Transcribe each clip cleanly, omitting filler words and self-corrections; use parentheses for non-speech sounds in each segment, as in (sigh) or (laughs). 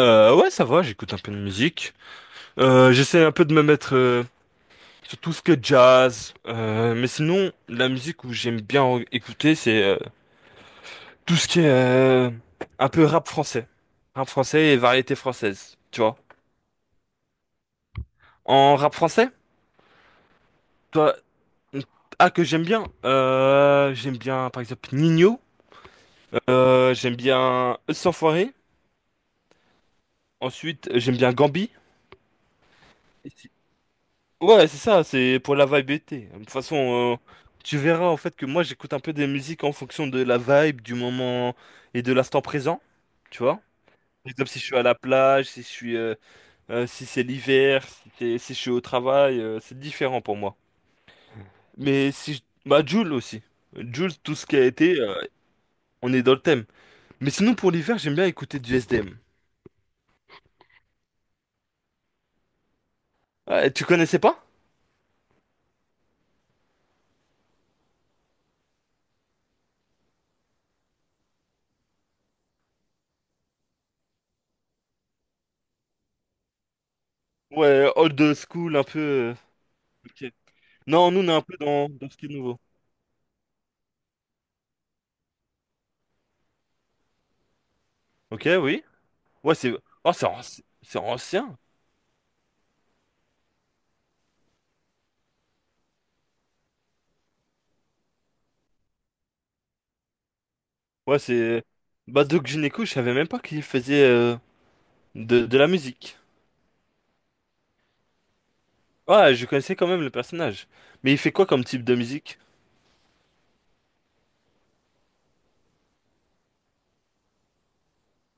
Ouais, ça va, j'écoute un peu de musique. J'essaie un peu de me mettre sur tout ce que jazz. Mais sinon, la musique où j'aime bien écouter, c'est tout ce qui est un peu rap français. Rap français et variété française, tu vois. En rap français, toi, ah, que j'aime bien. J'aime bien, par exemple, Nino. J'aime bien Eux sans Foirer. Ensuite, j'aime bien Gambi. Ouais, c'est ça, c'est pour la vibe été. De toute façon, tu verras en fait que moi j'écoute un peu des musiques en fonction de la vibe, du moment et de l'instant présent, tu vois. Par exemple, si je suis à la plage, si je suis, si c'est l'hiver, si, si je suis au travail, c'est différent pour moi. Mais si je... Bah, Jul aussi. Jul, tout ce qui a été, on est dans le thème. Mais sinon, pour l'hiver, j'aime bien écouter du SDM. Ah, tu connaissais pas? Ouais, old school, un peu... Ok. Non, nous, on est un peu dans ce qui est nouveau. Ok, oui. Ouais, c'est. Oh, c'est ancien. Ouais, c'est. Bah, Doc Gynéco, je savais même pas qu'il faisait de la musique. Ouais, je connaissais quand même le personnage. Mais il fait quoi comme type de musique?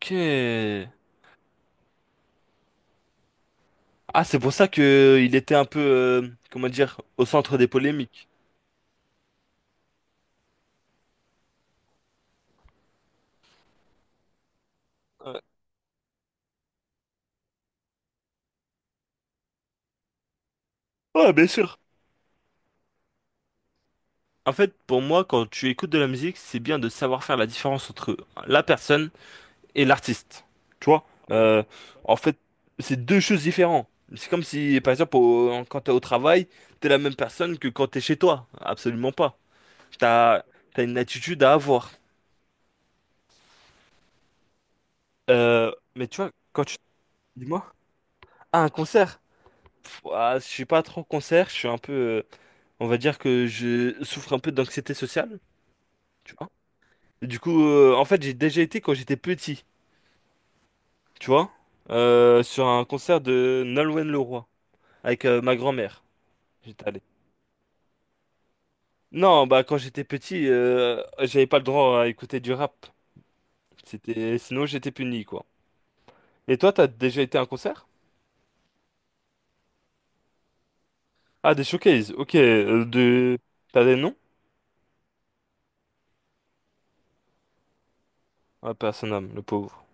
Ok. Ah, c'est pour ça que il était un peu, comment dire, au centre des polémiques. Ouais. Ouais, bien sûr. En fait, pour moi, quand tu écoutes de la musique, c'est bien de savoir faire la différence entre la personne et l'artiste. Tu vois? Euh, En fait, c'est deux choses différentes. C'est comme si, par exemple, quand t'es au travail, t'es la même personne que quand t'es chez toi. Absolument pas. T'as, t'as une attitude à avoir. Mais tu vois, quand tu... Dis-moi. Ah, un concert? Pff, ah, je suis pas trop concert, je suis un peu... on va dire que je souffre un peu d'anxiété sociale, tu vois? Et du coup, en fait, j'ai déjà été quand j'étais petit, tu vois? Sur un concert de Nolwenn Leroy, avec ma grand-mère. J'étais allé. Non, bah quand j'étais petit, j'avais pas le droit à écouter du rap. C'était sinon j'étais puni quoi. Et toi, t'as déjà été à un concert? Ah, des showcases. Ok, de t'as des noms? Ah, personne âme, le pauvre.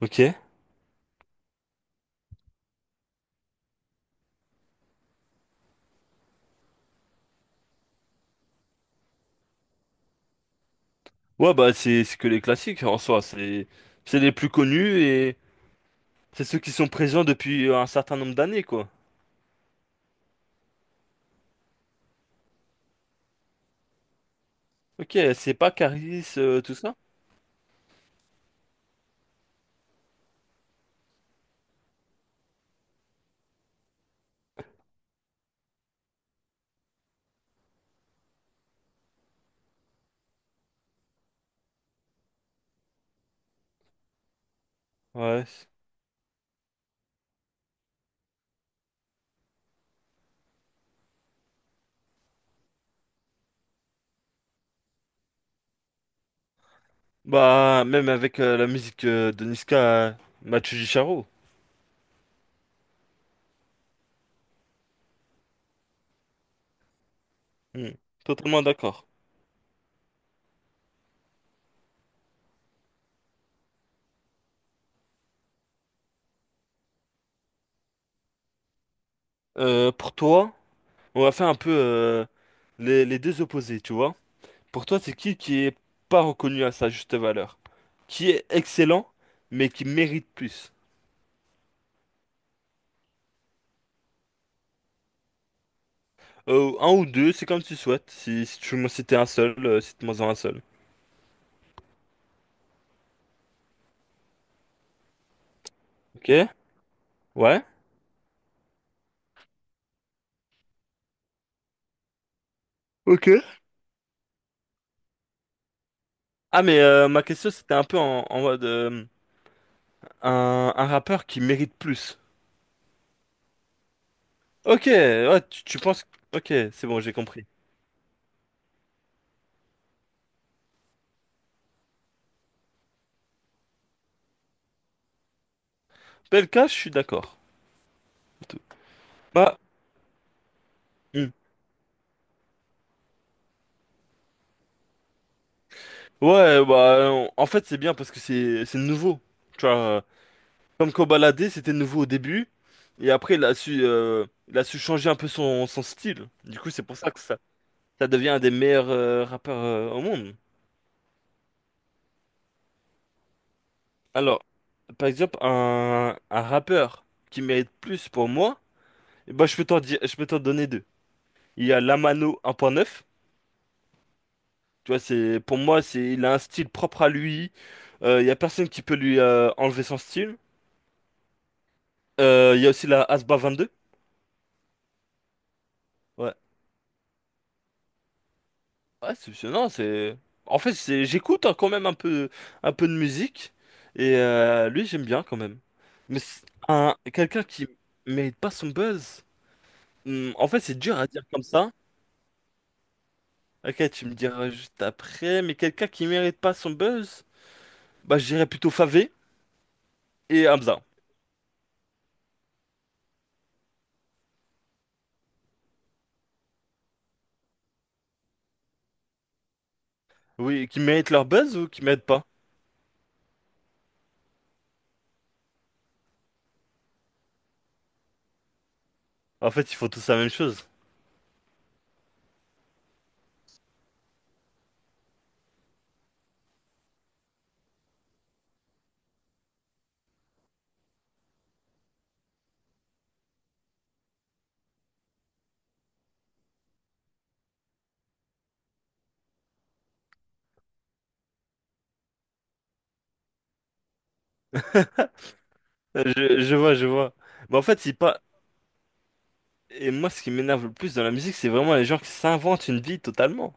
Ok. Ouais, bah c'est que les classiques en soi, c'est les plus connus et c'est ceux qui sont présents depuis un certain nombre d'années quoi. Ok, c'est pas Caris tout ça? Ouais. Bah même avec la musique de Niska, Machu Charo. Hmm. Totalement d'accord. Pour toi? On va faire un peu les deux opposés, tu vois. Pour toi, c'est qui est pas reconnu à sa juste valeur? Qui est excellent, mais qui mérite plus? Un ou deux, c'est comme tu souhaites. Si tu veux citer un seul, cite-moi-en un seul. Ok? Ouais? Ok. Ah, mais ma question, c'était un peu en, mode un rappeur qui mérite plus. Ok, ouais, tu penses... Ok, c'est bon, j'ai compris. Belka, je suis d'accord. Bah, hmm. Ouais, bah, en fait, c'est bien parce que c'est nouveau. Tu vois, comme Kobalade, c'était nouveau au début. Et après, il a su changer un peu son style. Du coup, c'est pour ça que ça devient un des meilleurs rappeurs au monde. Alors, par exemple, un rappeur qui mérite plus pour moi, eh ben, je peux t'en donner deux. Il y a Lamano un point neuf. Tu vois, c'est, pour moi, c'est, il a un style propre à lui. Il y a personne qui peut lui enlever son style. Il y a aussi la Asba 22. Ouais. Ouais, non, c'est en fait c'est j'écoute hein, quand même un peu de musique et lui j'aime bien quand même. Mais c'est un quelqu'un qui mérite pas son buzz. Hmm, en fait, c'est dur à dire comme ça. Ok, tu me diras juste après, mais quelqu'un qui mérite pas son buzz, bah je dirais plutôt Favé et Hamza. Oui, qui méritent leur buzz ou qui méritent pas? En fait, ils font tous la même chose. Je vois, je vois. Mais en fait, c'est pas. Et moi, ce qui m'énerve le plus dans la musique, c'est vraiment les gens qui s'inventent une vie totalement.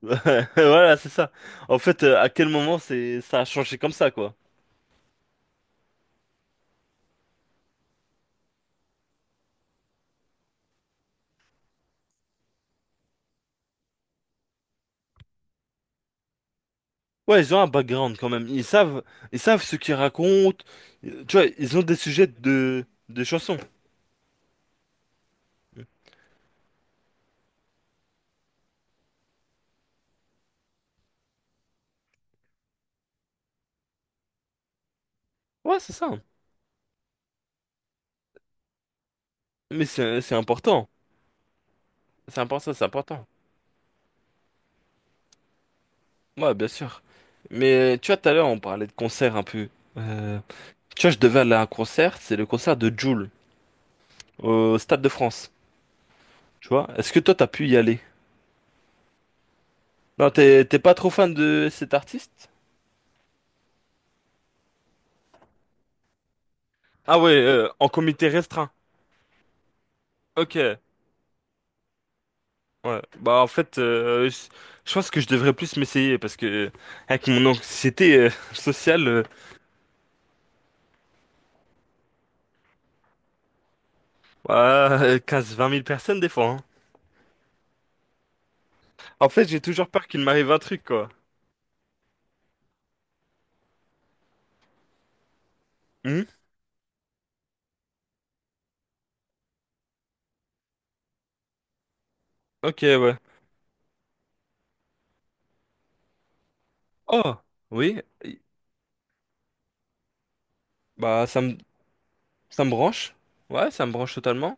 (laughs) Voilà, c'est ça. En fait, à quel moment c'est ça a changé comme ça, quoi. Ouais, ils ont un background quand même. Ils savent ce qu'ils racontent. Tu vois, ils ont des sujets de chansons. Ouais, c'est ça. Mais c'est important. C'est important, c'est important. Ouais, bien sûr. Mais tu vois, tout à l'heure, on parlait de concert un peu. Euh, Tu vois, je devais aller à un concert. C'est le concert de Jul au Stade de France. Tu vois, est-ce que toi, t'as pu y aller? Non, t'es pas trop fan de cet artiste? Ah ouais, en comité restreint. Ok. Ouais, bah en fait, je pense que je devrais plus m'essayer parce que avec mon anxiété (laughs) sociale, 15-20 000 personnes des fois, hein. En fait, j'ai toujours peur qu'il m'arrive un truc, quoi. Hmm. Ok, ouais. Oh, oui, bah ça me branche. Ouais, ça me branche totalement.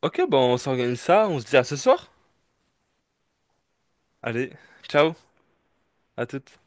Ok, bah on s'organise ça, on se dit à ce soir. Allez, ciao, à toutes.